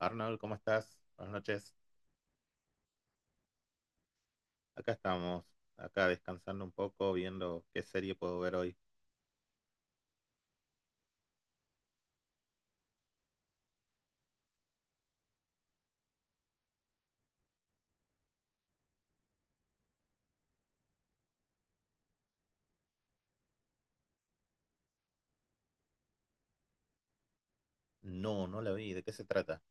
Arnold, ¿cómo estás? Buenas noches. Acá estamos, acá descansando un poco, viendo qué serie puedo ver hoy. No, no la vi. ¿De qué se trata?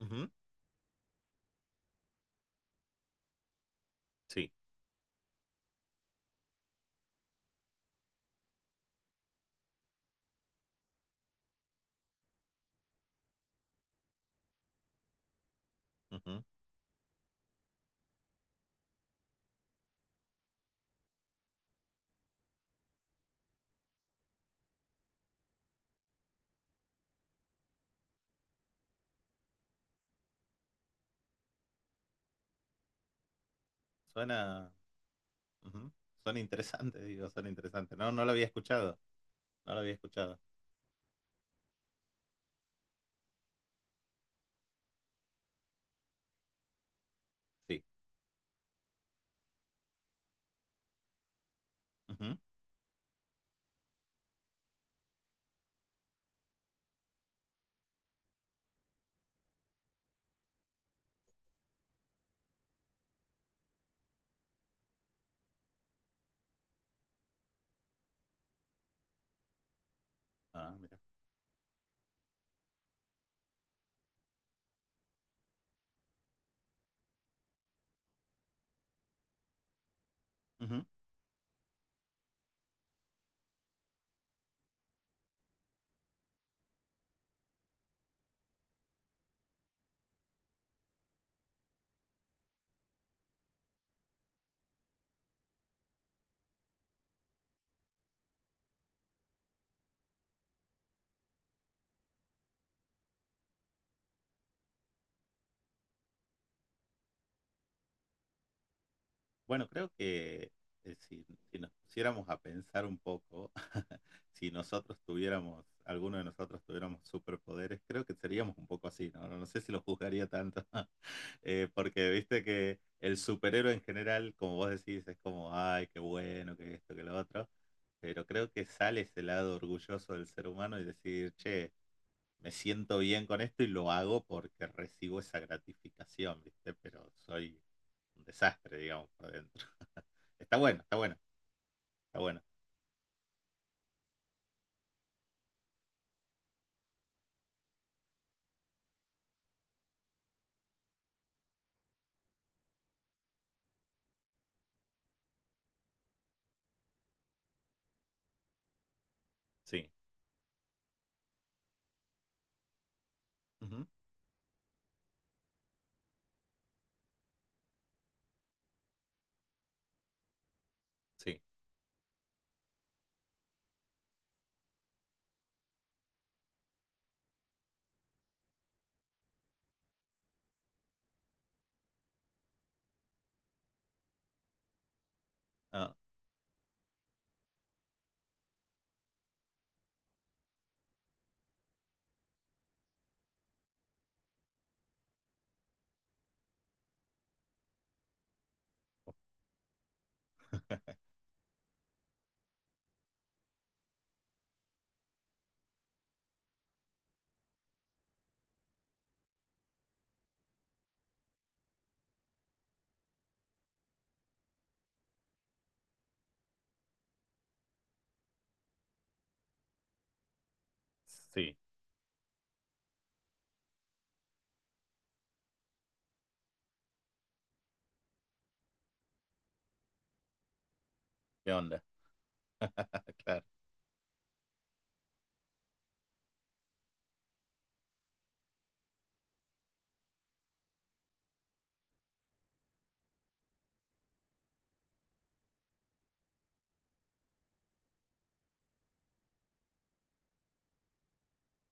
Ujú, sí. Ujú. Suena, Ujú, suena interesante, digo, suena interesante. No, no la había escuchado. No la había escuchado. Sí. Ujú. Ah, mira. Bueno, creo que eh, si, si nos pusiéramos a pensar un poco, si nosotros tuviéramos, alguno de nosotros tuviéramos superpoderes, creo que seríamos un poco así, ¿no? No, no sé si lo juzgaría tanto, porque viste que el superhéroe en general, como vos decís, es como, ay, qué bueno, que esto, que lo otro, pero creo que sale ese lado orgulloso del ser humano y decir, che, me siento bien con esto y lo hago porque recibo esa gratificación, ¿viste? Pero soy un desastre, digamos, por dentro. Está bueno, está bueno, está bueno. Sí. Ujú, sí. Ah, sí. ¿Qué onda? Claro.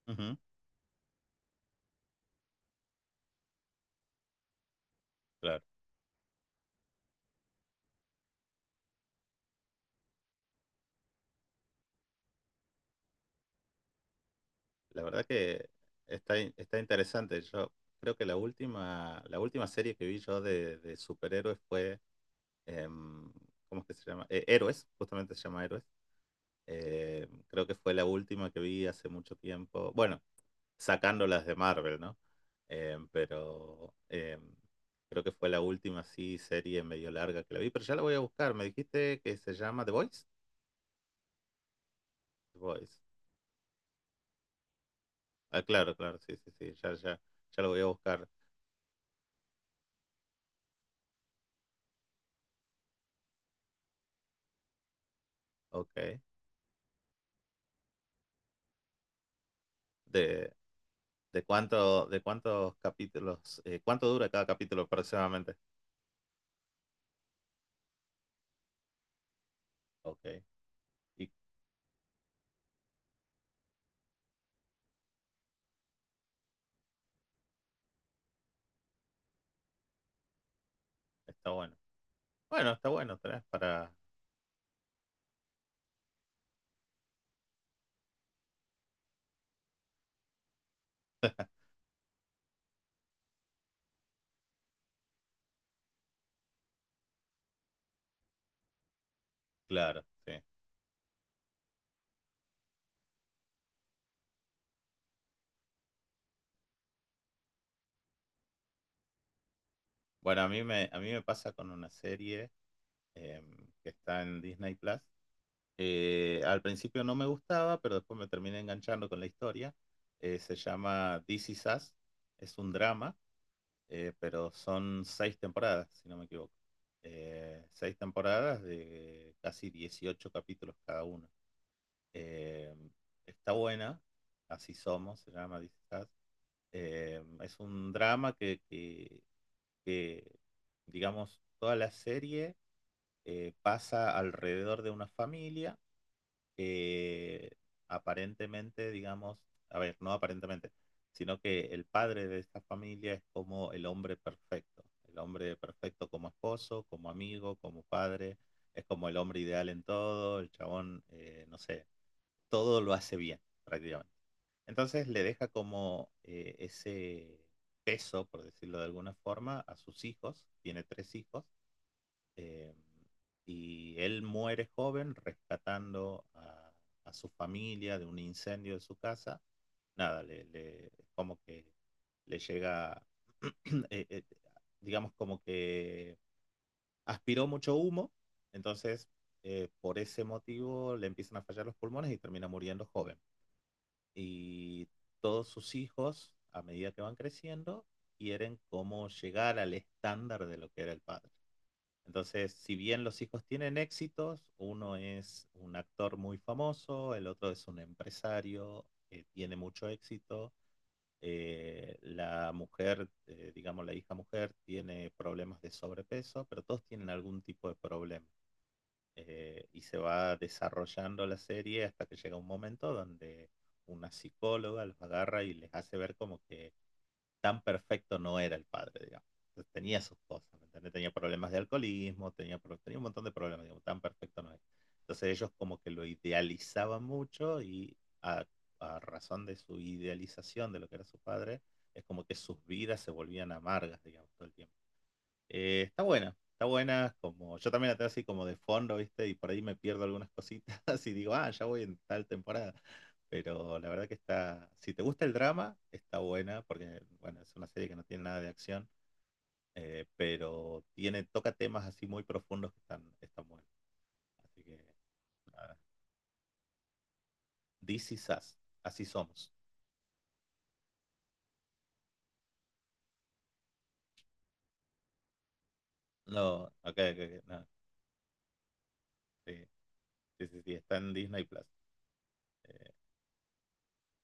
Ujú, claro. La verdad que está, está interesante. Yo creo que la última serie que vi yo de superhéroes fue, em, ¿cómo es que se llama? Héroes, justamente se llama Héroes. Creo que fue la última que vi hace mucho tiempo. Bueno, sacando las de Marvel, ¿no? Pero creo que fue la última así serie medio larga que la vi, pero ya la voy a buscar. Me dijiste que se llama The Voice. The Voice. Ah, claro, claro, sí, sí, sí, ya, ya, ya lo voy a buscar. Ok. ¿De, de cuántos capítulos, cuánto dura cada capítulo aproximadamente? Ok. Y está bueno. Bueno, está bueno, tenés para. Claro, sí. Bueno, a mí me pasa con una serie que está en Disney Plus. Al principio no me gustaba, pero después me terminé enganchando con la historia. Se llama This Is Us. Es un drama, pero son seis temporadas, si no me equivoco. Seis temporadas de casi 18 capítulos cada una. Eh, Está buena, así somos, se llama This Is Us. Es un drama que, digamos, toda la serie pasa alrededor de una familia, eh, aparentemente, digamos, a ver, no aparentemente, sino que el padre de esta familia es como el hombre perfecto como esposo, como amigo, como padre, es como el hombre ideal en todo, el chabón, no sé, todo lo hace bien prácticamente. Entonces le deja como ese peso, por decirlo de alguna forma, a sus hijos, tiene tres hijos, eh, y él muere joven rescatando a su familia de un incendio de su casa. Nada, le como que le llega, eh, eh, digamos como que aspiró mucho humo, entonces por ese motivo le empiezan a fallar los pulmones y termina muriendo joven. Y todos sus hijos, a medida que van creciendo, quieren como llegar al estándar de lo que era el padre. Entonces, si bien los hijos tienen éxitos, uno es un actor muy famoso, el otro es un empresario que tiene mucho éxito, la mujer, digamos la hija mujer, tiene problemas de sobrepeso, pero todos tienen algún tipo de problema. Y se va desarrollando la serie hasta que llega un momento donde una psicóloga los agarra y les hace ver como que tan perfecto no era el padre, digamos. Entonces, tenía sus cosas, ¿me entendés? Tenía problemas de alcoholismo, tenía un montón de problemas, digamos, tan perfecto no era. Entonces ellos como que lo idealizaban mucho y a razón de su idealización de lo que era su padre, es como que sus vidas se volvían amargas, digamos, todo el tiempo. Está buena, está buena, como yo también la tengo así como de fondo, ¿viste? Y por ahí me pierdo algunas cositas y digo, ah, ya voy en tal temporada, pero la verdad que está, si te gusta el drama, está buena, porque bueno, es una serie que no tiene nada de acción, pero tiene, toca temas así muy profundos que están, están buenos. Así que nada, This is us, así somos. No, ok, ok, ok, no, sí, sí, sí, sí, está en Disney Plus. Eh,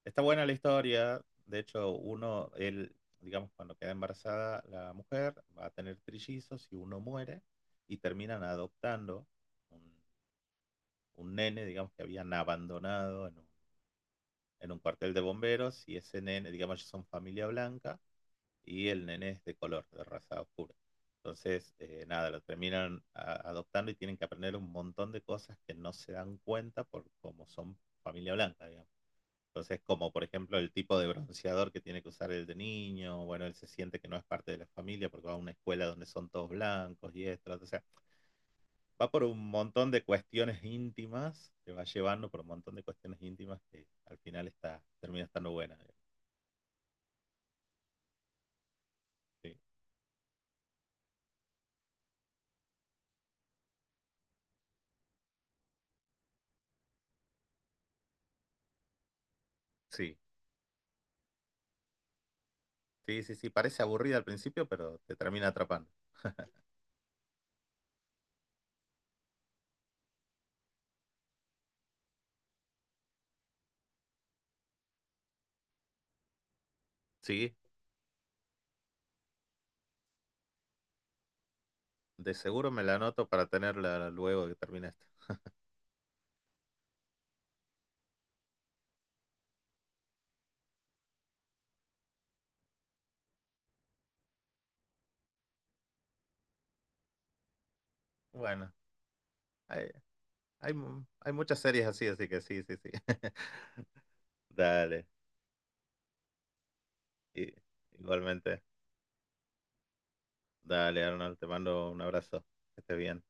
Está buena la historia, de hecho, uno, él, digamos, cuando queda embarazada la mujer, va a tener trillizos y uno muere y terminan adoptando un un nene, digamos, que habían abandonado en en un cuartel de bomberos y ese nene, digamos, ellos son familia blanca y el nene es de color, de raza oscura. Entonces, nada, lo terminan adoptando y tienen que aprender un montón de cosas que no se dan cuenta por cómo son familia blanca, digamos. Entonces, como por ejemplo el tipo de bronceador que tiene que usar el de niño, bueno, él se siente que no es parte de la familia porque va a una escuela donde son todos blancos y esto, o sea, va por un montón de cuestiones íntimas, te va llevando por un montón de cuestiones íntimas que al final está, termina estando buena. Sí, sí, sí, sí, sí, parece aburrida al principio, pero te termina atrapando. Sí, de seguro me la anoto para tenerla luego que termine esta. Bueno, hay, hay muchas series así, así que sí, sí, sí. Dale, y- igualmente. Dale, Arnold, te mando un abrazo. Que estés bien.